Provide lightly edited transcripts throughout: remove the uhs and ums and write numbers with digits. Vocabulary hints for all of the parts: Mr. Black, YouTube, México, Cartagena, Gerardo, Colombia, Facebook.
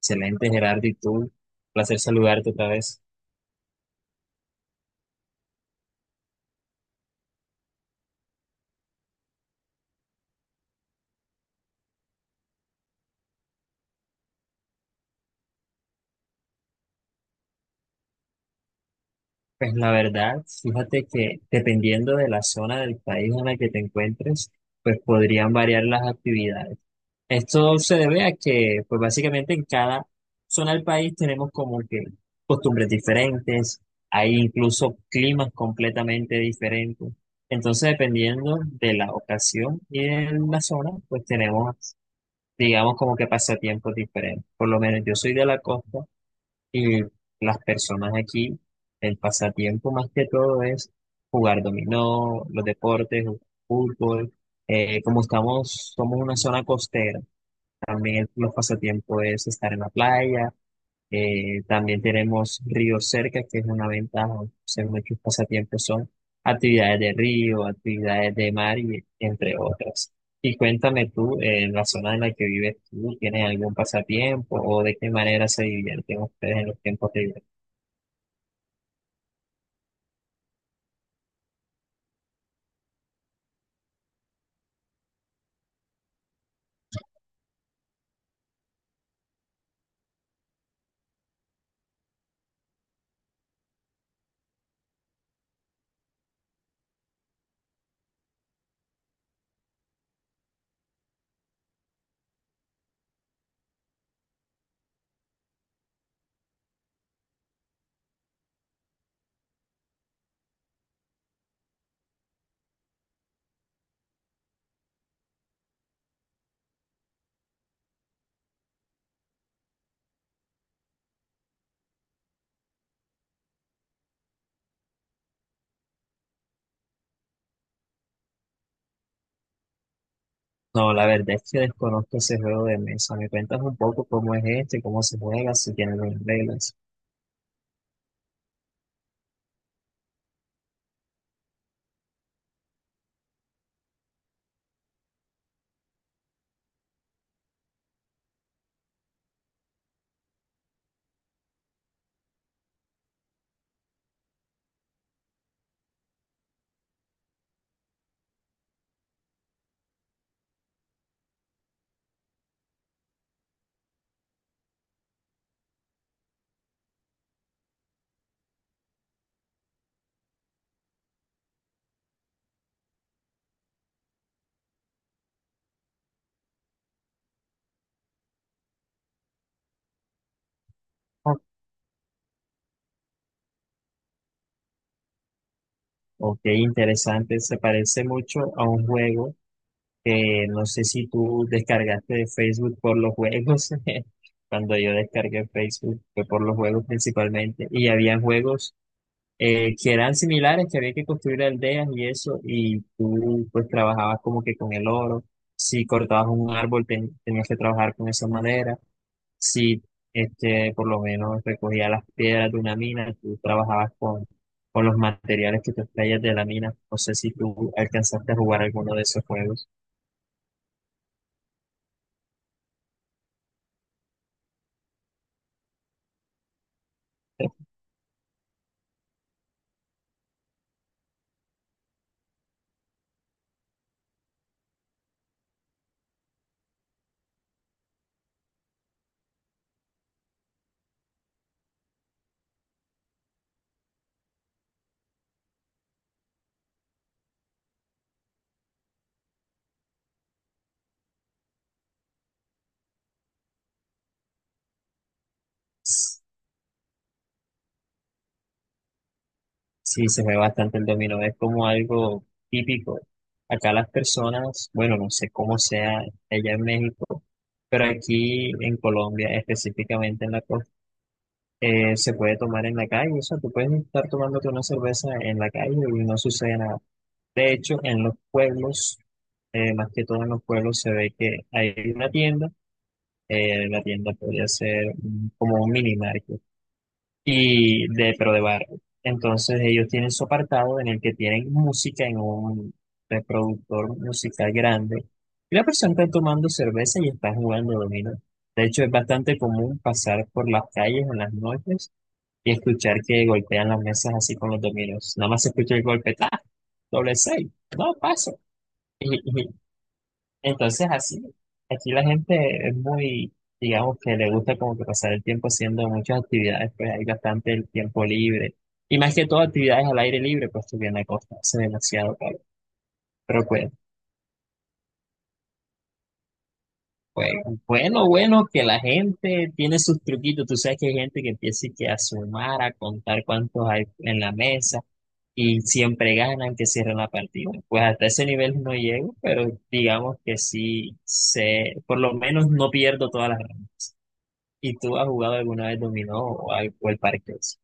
Excelente, Gerardo, ¿y tú? Placer saludarte otra vez. Pues la verdad, fíjate que dependiendo de la zona del país en la que te encuentres, pues podrían variar las actividades. Esto se debe a que, pues básicamente en cada zona del país tenemos como que costumbres diferentes, hay incluso climas completamente diferentes. Entonces, dependiendo de la ocasión y de la zona, pues tenemos, digamos, como que pasatiempos diferentes. Por lo menos yo soy de la costa. Y las personas aquí, el pasatiempo más que todo es jugar dominó, los deportes, fútbol. Como estamos, somos una zona costera, también los pasatiempos es estar en la playa, también tenemos río cerca, que es una ventaja, o sea, muchos pasatiempos son actividades de río, actividades de mar y entre otras. Y cuéntame tú, en la zona en la que vives tú, ¿tienes algún pasatiempo o de qué manera se divierten ustedes en los tiempos libres? No, la verdad es que desconozco ese juego de mesa. ¿Me cuentas un poco cómo es este, cómo se juega, si tiene algunas reglas? Oh, ok, interesante. Se parece mucho a un juego que no sé si tú descargaste de Facebook por los juegos. Cuando yo descargué Facebook fue por los juegos principalmente. Y había juegos que eran similares, que había que construir aldeas y eso. Y tú pues trabajabas como que con el oro. Si cortabas un árbol tenías que trabajar con esa madera. Si este, por lo menos recogías las piedras de una mina, tú trabajabas con los materiales que te extraías de la mina. No sé si tú alcanzaste a jugar alguno de esos juegos. Sí, se ve bastante el dominó, es como algo típico. Acá las personas, bueno, no sé cómo sea allá en México, pero aquí en Colombia, específicamente en la costa, se puede tomar en la calle. O sea, tú puedes estar tomándote una cerveza en la calle y no sucede nada. De hecho, en los pueblos, más que todo en los pueblos, se ve que hay una tienda. La tienda podría ser como un mini market y de, pero de barrio. Entonces ellos tienen su apartado en el que tienen música en un reproductor musical grande. Y la persona está tomando cerveza y está jugando dominó. De hecho, es bastante común pasar por las calles en las noches y escuchar que golpean las mesas así con los dominos. Nada más se escucha el golpe, ¡ah! Doble seis, no paso. Entonces, así, aquí la gente es muy, digamos que le gusta como que pasar el tiempo haciendo muchas actividades, pues hay bastante el tiempo libre. Y más que todo actividades al aire libre, pues estoy en la costa, hace demasiado calor. Pero pues, pues, bueno, bueno, que la gente tiene sus truquitos. Tú sabes que hay gente que empieza y que a sumar, a contar cuántos hay en la mesa y siempre ganan, que cierran la partida. Pues hasta ese nivel no llego, pero digamos que sí sé, por lo menos no pierdo todas las. ¿Y tú has jugado alguna vez dominó o al parqués?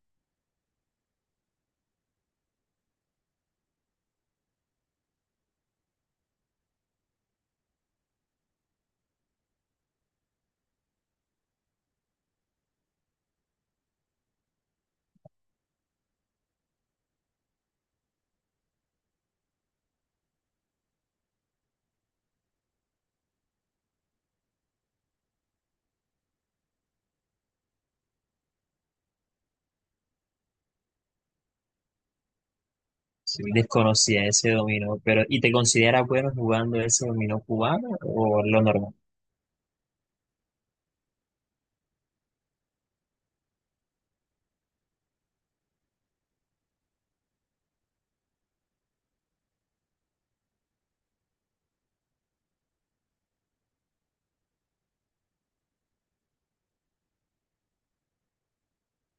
Sí, sí, desconocía ese dominó, pero ¿y te consideras bueno jugando ese dominó cubano o lo normal?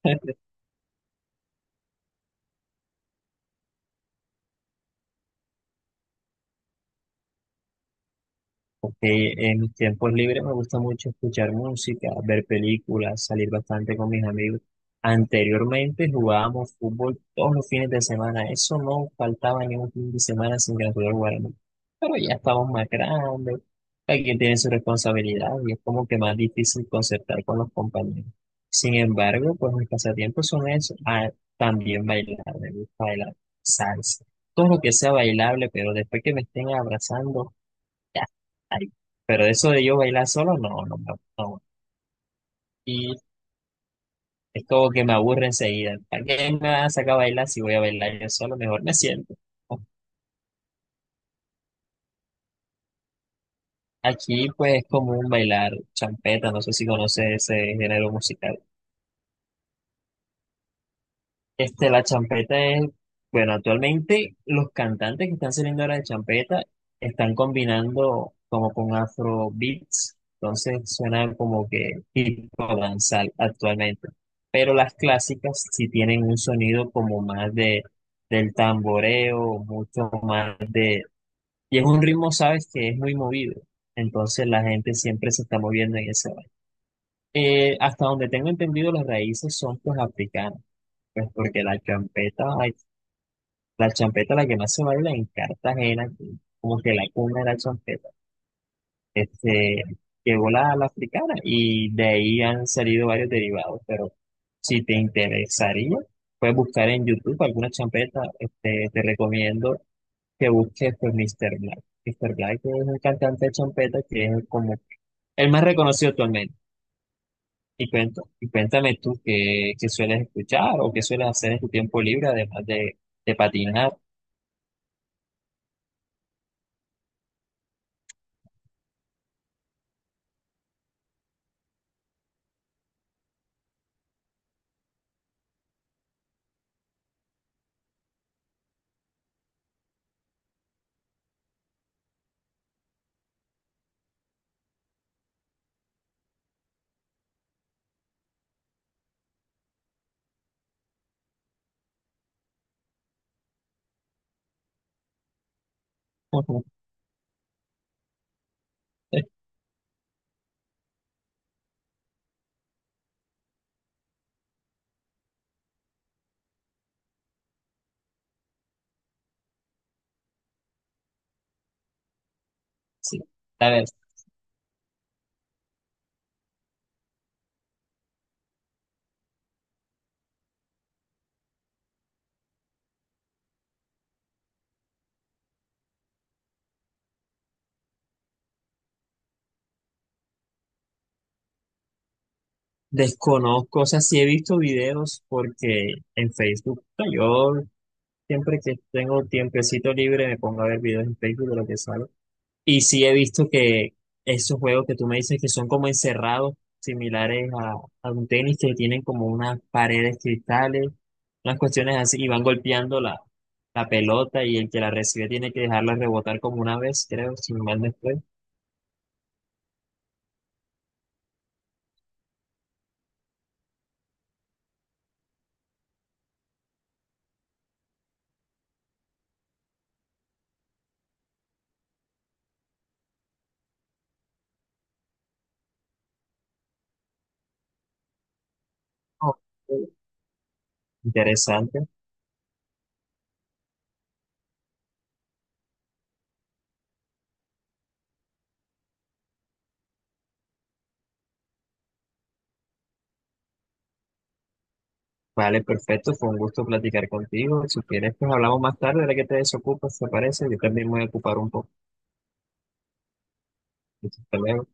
Ok, en mis tiempos libres me gusta mucho escuchar música, ver películas, salir bastante con mis amigos. Anteriormente jugábamos fútbol todos los fines de semana, eso no faltaba ni un fin de semana sin que nosotros jugáramos. Pero ya estamos más grandes, cada quien tiene su responsabilidad y es como que más difícil concertar con los compañeros. Sin embargo, pues mis pasatiempos son eso, ah, también bailar, me gusta bailar salsa, todo lo que sea bailable, pero después que me estén abrazando. Ay, pero eso de yo bailar solo, no, no, no. No. Y es como que me aburre enseguida. ¿Para qué me van a sacar a bailar si voy a bailar yo solo? Mejor me siento. Aquí, pues, es común bailar champeta. No sé si conoces ese género musical. Este, la champeta es, bueno, actualmente los cantantes que están saliendo ahora de champeta están combinando como con afro beats, entonces suena como que tipo danzal actualmente. Pero las clásicas sí tienen un sonido como más de del tamboreo, mucho más de, y es un ritmo, sabes, que es muy movido. Entonces la gente siempre se está moviendo en ese baile. Hasta donde tengo entendido, las raíces son pues africanas. Pues porque la champeta, la que más se baila en Cartagena, que como que la cuna de la champeta, este, llegó la, la africana y de ahí han salido varios derivados, pero si te interesaría, puedes buscar en YouTube alguna champeta, este, te recomiendo que busques pues Mr. Black. Mr. Black es un cantante de champeta que es como el más reconocido actualmente. Y cuento, y cuéntame tú qué, qué sueles escuchar o qué sueles hacer en tu tiempo libre, además de patinar. Sí. A ver, desconozco, o sea, sí he visto videos porque en Facebook, o sea, yo siempre que tengo tiempecito libre me pongo a ver videos en Facebook de lo que sale. Y sí he visto que esos juegos que tú me dices que son como encerrados, similares a un tenis, que tienen como unas paredes cristales, unas cuestiones así, y van golpeando la, la pelota y el que la recibe tiene que dejarla rebotar como una vez, creo, si no mal no estoy. Oh, interesante. Vale, perfecto, fue un gusto platicar contigo. Si quieres, pues hablamos más tarde, ahora que te desocupes, ¿te parece? Yo también me voy a ocupar un poco. Hasta luego.